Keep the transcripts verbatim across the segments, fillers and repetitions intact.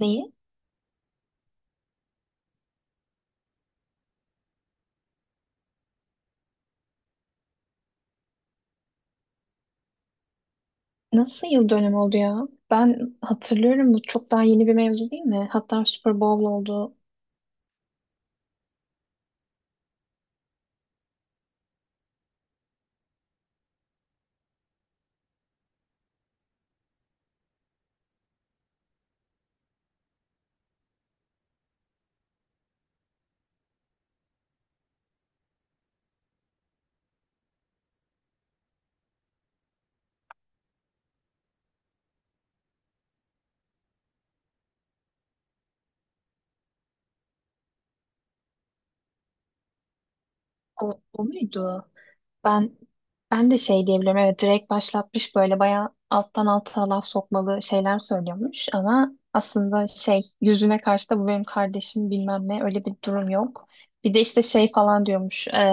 Neyi? Nasıl yıl dönümü oldu ya? Ben hatırlıyorum, bu çok daha yeni bir mevzu değil mi? Hatta Super Bowl oldu. O, o muydu? Ben ben de şey diyebilirim. Evet, direkt başlatmış, böyle bayağı alttan alta laf sokmalı şeyler söylüyormuş ama aslında şey, yüzüne karşı da bu benim kardeşim bilmem ne, öyle bir durum yok. Bir de işte şey falan diyormuş. e,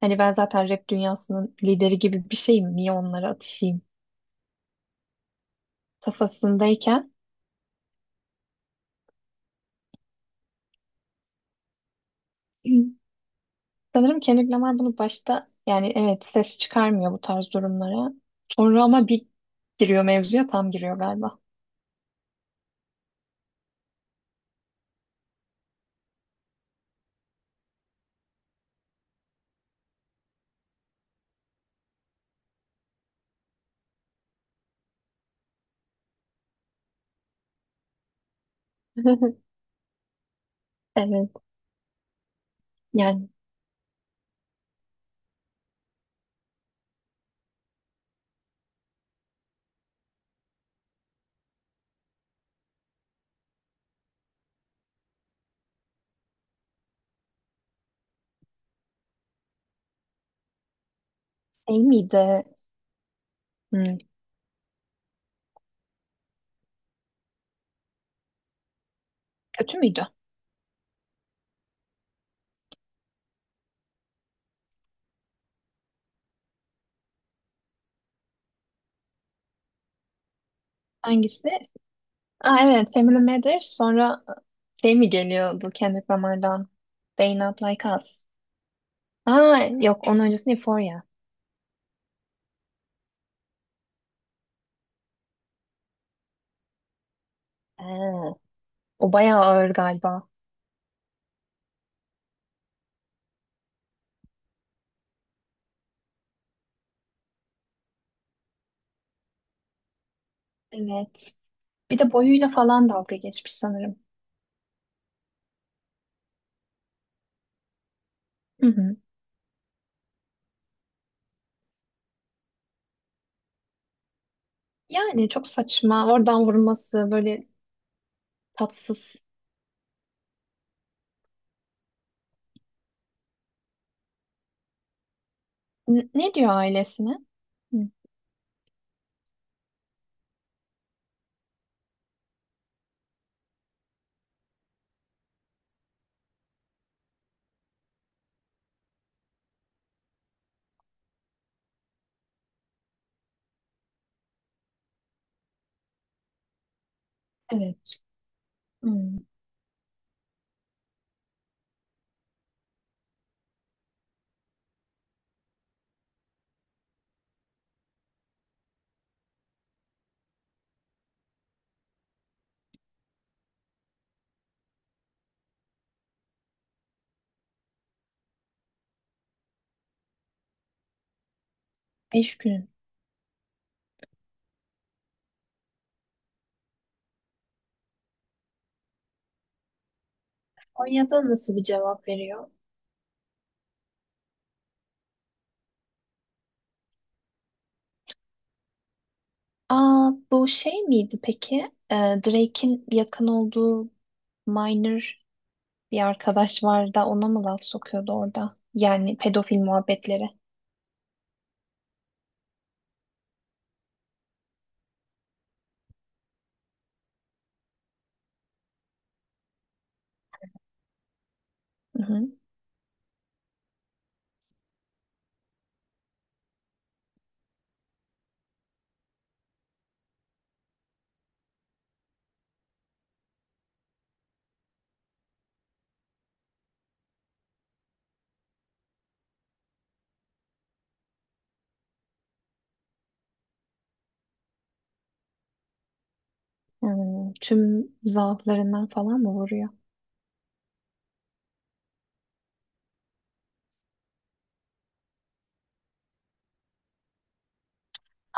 Hani ben zaten rap dünyasının lideri gibi bir şeyim. Niye onlara atışayım? Kafasındayken. Sanırım Kendrick Lamar bunu başta, yani evet, ses çıkarmıyor bu tarz durumlara. Sonra ama bir giriyor mevzuya, tam giriyor galiba. Evet, yani şey miydi? Hmm, kötü müydü? Hangisi? Aa evet, Family Matters, sonra şey mi geliyordu Kendrick Lamar'dan? They Not Like Us. Aa yok, onun öncesi Euphoria. Aa. O bayağı ağır galiba. Evet. Bir de boyuyla falan dalga geçmiş sanırım. Hı hı. Yani çok saçma. Oradan vurması böyle tatsız. N- ne diyor ailesine? Hı. Evet. Hmm. Beş gün. Konya'da nasıl bir cevap veriyor? Aa, bu şey miydi peki? Ee, Drake'in yakın olduğu minor bir arkadaş var da ona mı laf sokuyordu orada? Yani pedofil muhabbetleri. Hı hı. Hmm, tüm zaaflarından falan mı vuruyor?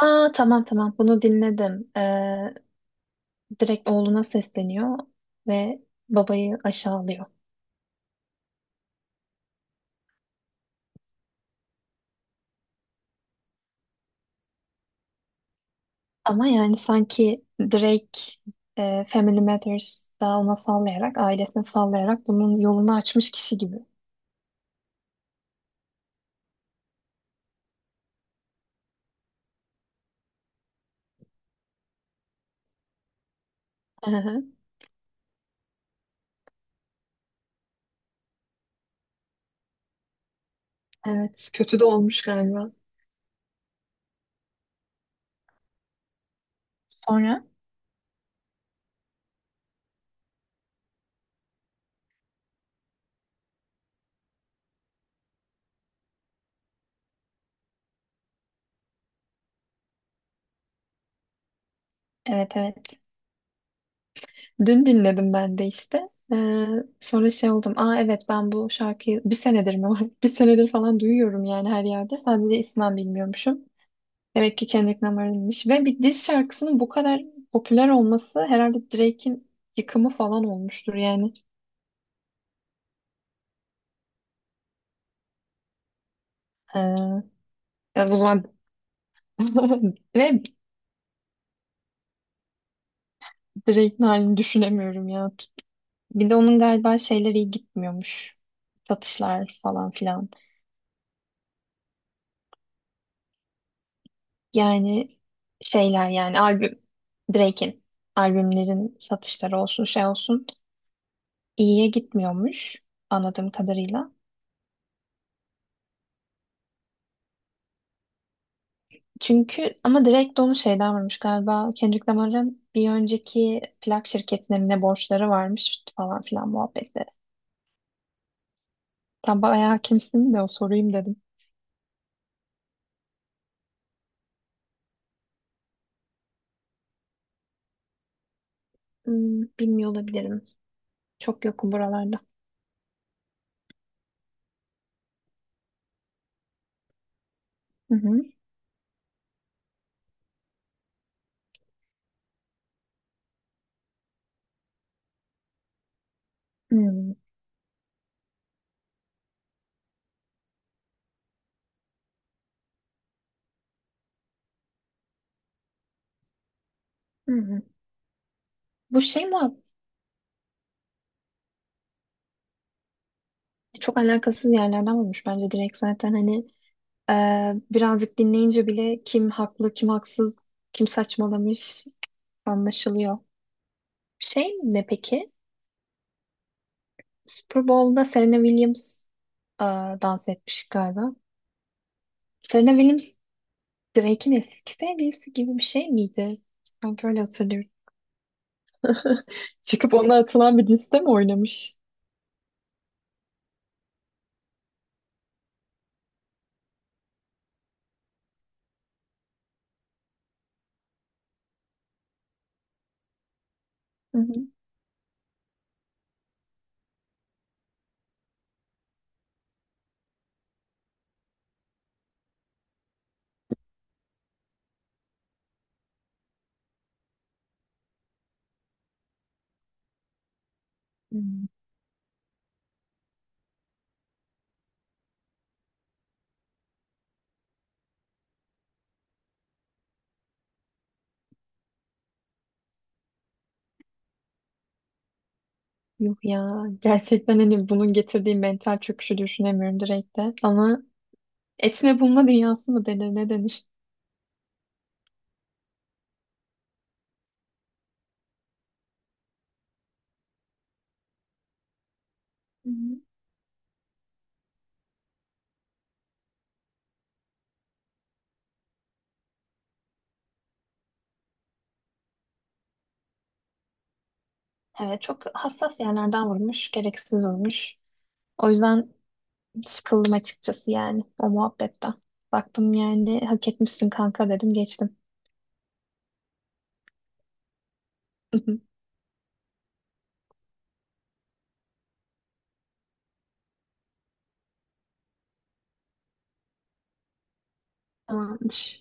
Aa tamam tamam, bunu dinledim. Ee, direkt oğluna sesleniyor ve babayı aşağılıyor. Ama yani sanki Drake, e, Family Matters daha ona sallayarak, ailesine sallayarak bunun yolunu açmış kişi gibi. Hı hı. Evet, kötü de olmuş galiba. Sonra evet evet, dün dinledim ben de işte. Ee, sonra şey oldum. Aa evet, ben bu şarkıyı bir senedir mi var? Bir senedir falan duyuyorum yani her yerde. Sadece ismen bilmiyormuşum. Demek ki Kendrick Lamar'ınmış. Ve bir diss şarkısının bu kadar popüler olması herhalde Drake'in yıkımı falan olmuştur yani. Ee, ya o zaman ve Drake'in halini düşünemiyorum ya. Bir de onun galiba şeyleri iyi gitmiyormuş. Satışlar falan filan. Yani şeyler, yani albüm, Drake'in albümlerin satışları olsun, şey olsun, iyiye gitmiyormuş anladığım kadarıyla. Çünkü ama Drake de onu şeyden varmış galiba, Kendrick Lamar'ın bir önceki plak şirketine mi ne borçları varmış falan filan muhabbetleri. Tam bayağı kimsin de o sorayım dedim. Hmm, bilmiyor olabilirim. Çok yokum buralarda. Hı hı. Hmm, hı hı. Bu şey mi? Çok alakasız yerlerden olmuş bence Drake zaten hani. Ee, birazcık dinleyince bile kim haklı, kim haksız, kim saçmalamış anlaşılıyor. Şey ne peki? Super Bowl'da Serena Williams e, dans etmiş galiba. Serena Williams Drake'in eski sevgilisi gibi bir şey miydi? Sanki öyle hatırlıyorum. Çıkıp ona atılan bir diste mi oynamış? Hı hı. Hmm. Yok ya. Gerçekten hani bunun getirdiği mental çöküşü düşünemiyorum Drake'de. Ama etme bulma dünyası mı denir, ne denir? Evet, çok hassas yerlerden vurmuş, gereksiz vurmuş. O yüzden sıkıldım açıkçası yani o muhabbetten. Baktım yani hak etmişsin kanka dedim, geçtim. Tamamdır.